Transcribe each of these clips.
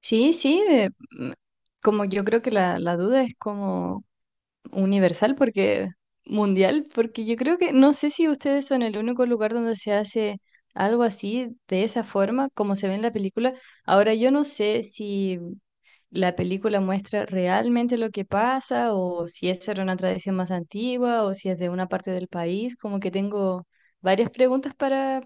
Sí, sí, como yo creo que la duda es como universal, porque mundial, porque yo creo que no sé si ustedes son el único lugar donde se hace algo así, de esa forma, como se ve en la película. Ahora, yo no sé si la película muestra realmente lo que pasa, o si esa era una tradición más antigua, o si es de una parte del país, como que tengo varias preguntas para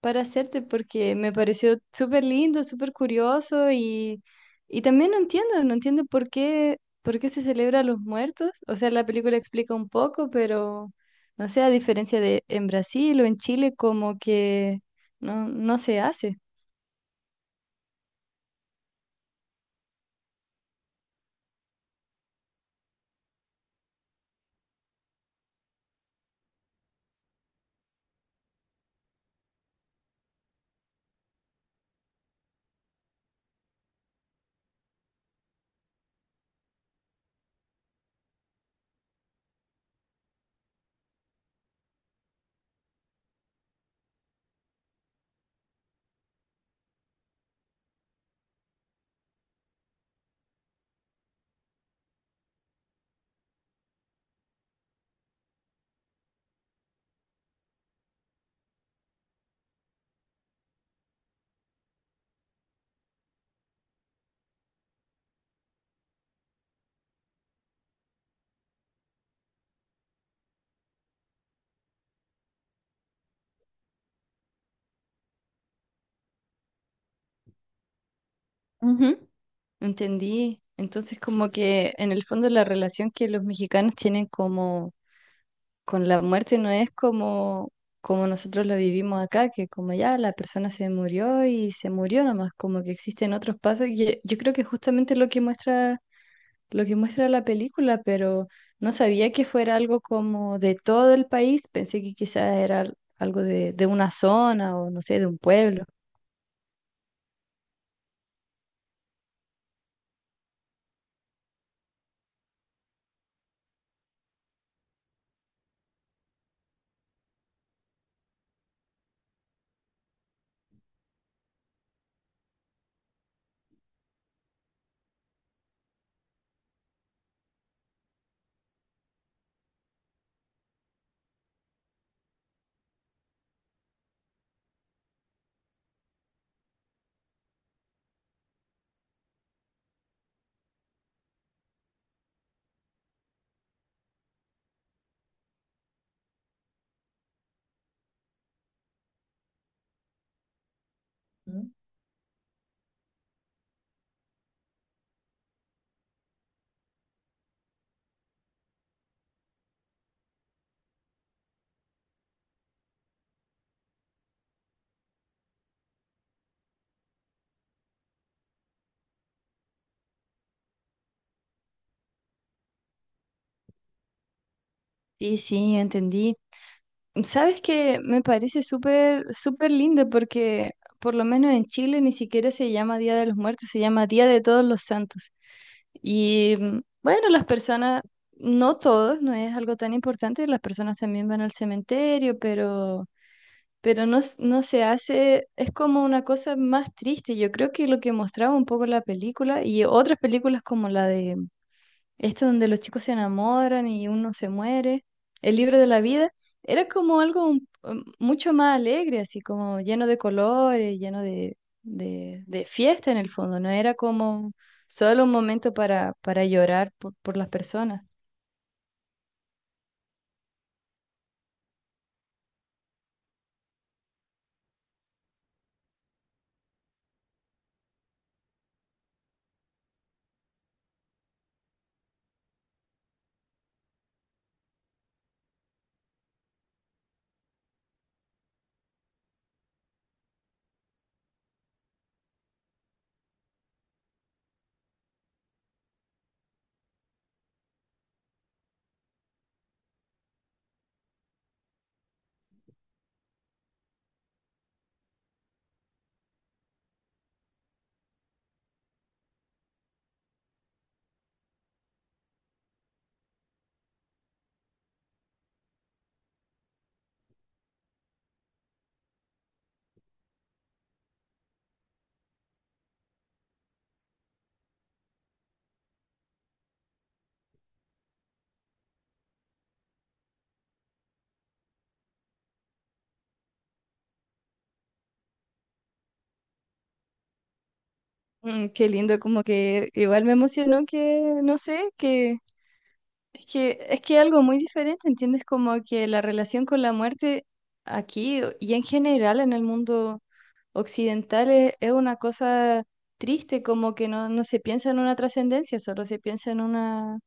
para hacerte porque me pareció súper lindo, súper curioso y también no entiendo, no entiendo por qué se celebra a los muertos. O sea, la película explica un poco, pero no sé, a diferencia de en Brasil o en Chile, como que no se hace. Ujú. Entendí. Entonces, como que en el fondo la relación que los mexicanos tienen como con la muerte no es como, como nosotros lo vivimos acá, que como ya la persona se murió y se murió nomás, como que existen otros pasos. Yo creo que justamente lo que muestra la película, pero no sabía que fuera algo como de todo el país, pensé que quizás era algo de una zona o no sé, de un pueblo. Sí, sí, entendí. Sabes que me parece súper, súper lindo porque por lo menos en Chile ni siquiera se llama Día de los Muertos, se llama Día de Todos los Santos. Y bueno, las personas, no todos, no es algo tan importante, las personas también van al cementerio, pero no, no se hace, es como una cosa más triste. Yo creo que lo que mostraba un poco la película y otras películas como la de donde los chicos se enamoran y uno se muere, el libro de la vida, era como algo mucho más alegre, así como lleno de colores, lleno de fiesta en el fondo, no era como solo un momento para llorar por las personas. Mm, qué lindo, como que igual me emocionó que, no sé, que es que es que algo muy diferente, ¿entiendes? Como que la relación con la muerte aquí y en general en el mundo occidental es una cosa triste, como que no, no se piensa en una trascendencia, solo se piensa en una,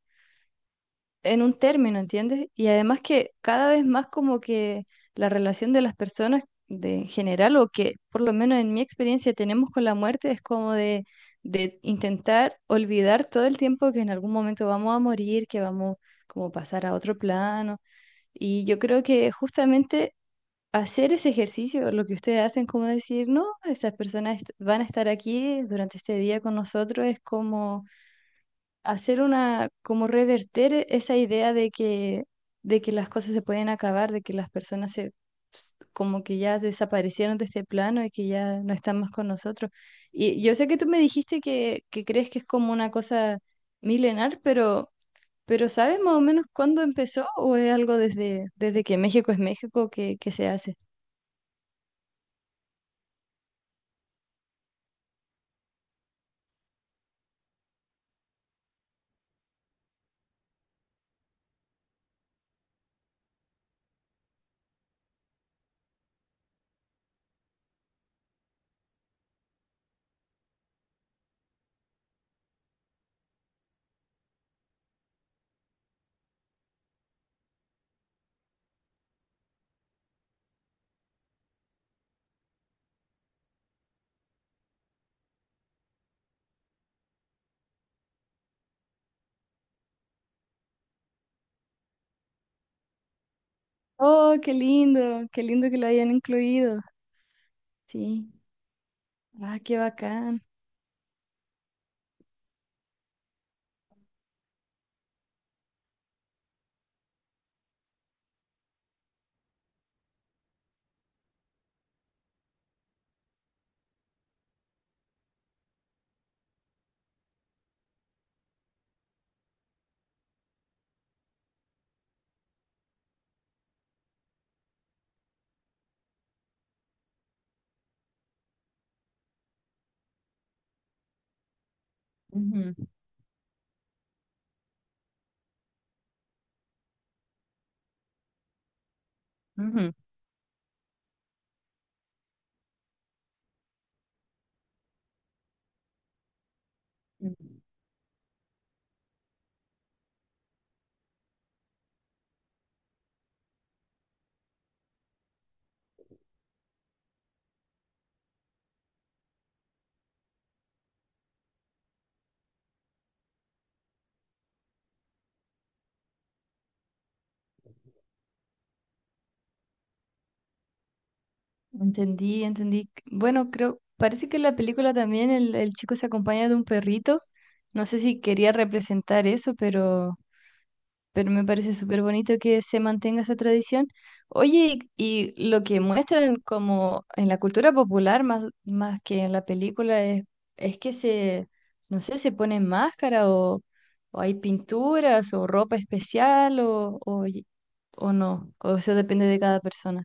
en un término, ¿entiendes? Y además que cada vez más como que la relación de las personas de, en general, o que por lo menos en mi experiencia tenemos con la muerte, es como de intentar olvidar todo el tiempo que en algún momento vamos a morir, que vamos como a pasar a otro plano. Y yo creo que justamente hacer ese ejercicio, lo que ustedes hacen, como decir, no, esas personas van a estar aquí durante este día con nosotros, es como hacer una, como reverter esa idea de que las cosas se pueden acabar, de que las personas se, como que ya desaparecieron de este plano y que ya no están más con nosotros. Y yo sé que tú me dijiste que crees que es como una cosa milenar, pero... Pero ¿sabes más o menos cuándo empezó o es algo desde que México es México que se hace? Oh, qué lindo que lo hayan incluido. Sí. Ah, qué bacán. Ujú, ujú, ujú. Entendí, entendí. Bueno, creo, parece que en la película también el chico se acompaña de un perrito. No sé si quería representar eso, pero me parece súper bonito que se mantenga esa tradición. Oye, y lo que muestran como en la cultura popular más, más que en la película es que se, no sé, se ponen máscara o hay pinturas o ropa especial o, o no, o eso depende de cada persona.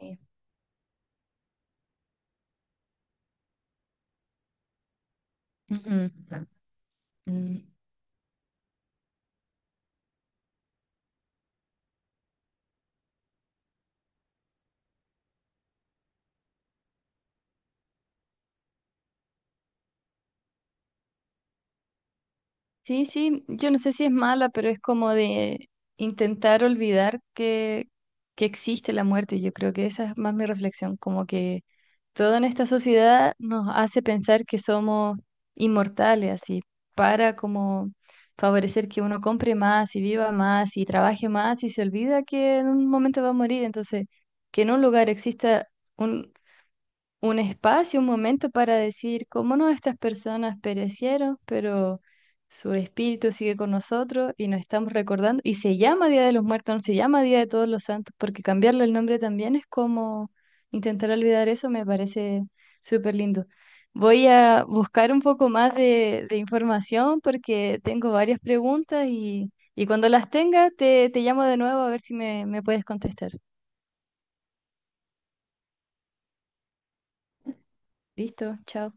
Sí. Ujú. Mm. Sí, sí, yo no sé si es mala, pero es como de intentar olvidar que existe la muerte. Yo creo que esa es más mi reflexión, como que todo en esta sociedad nos hace pensar que somos inmortales, así, para como favorecer que uno compre más y viva más y trabaje más y se olvida que en un momento va a morir. Entonces, que en un lugar exista un espacio, un momento para decir cómo no estas personas perecieron, pero su espíritu sigue con nosotros y nos estamos recordando. Y se llama Día de los Muertos, no se llama Día de Todos los Santos, porque cambiarle el nombre también es como intentar olvidar eso, me parece súper lindo. Voy a buscar un poco más de información porque tengo varias preguntas y cuando las tenga te llamo de nuevo a ver si me puedes contestar. Listo, chao.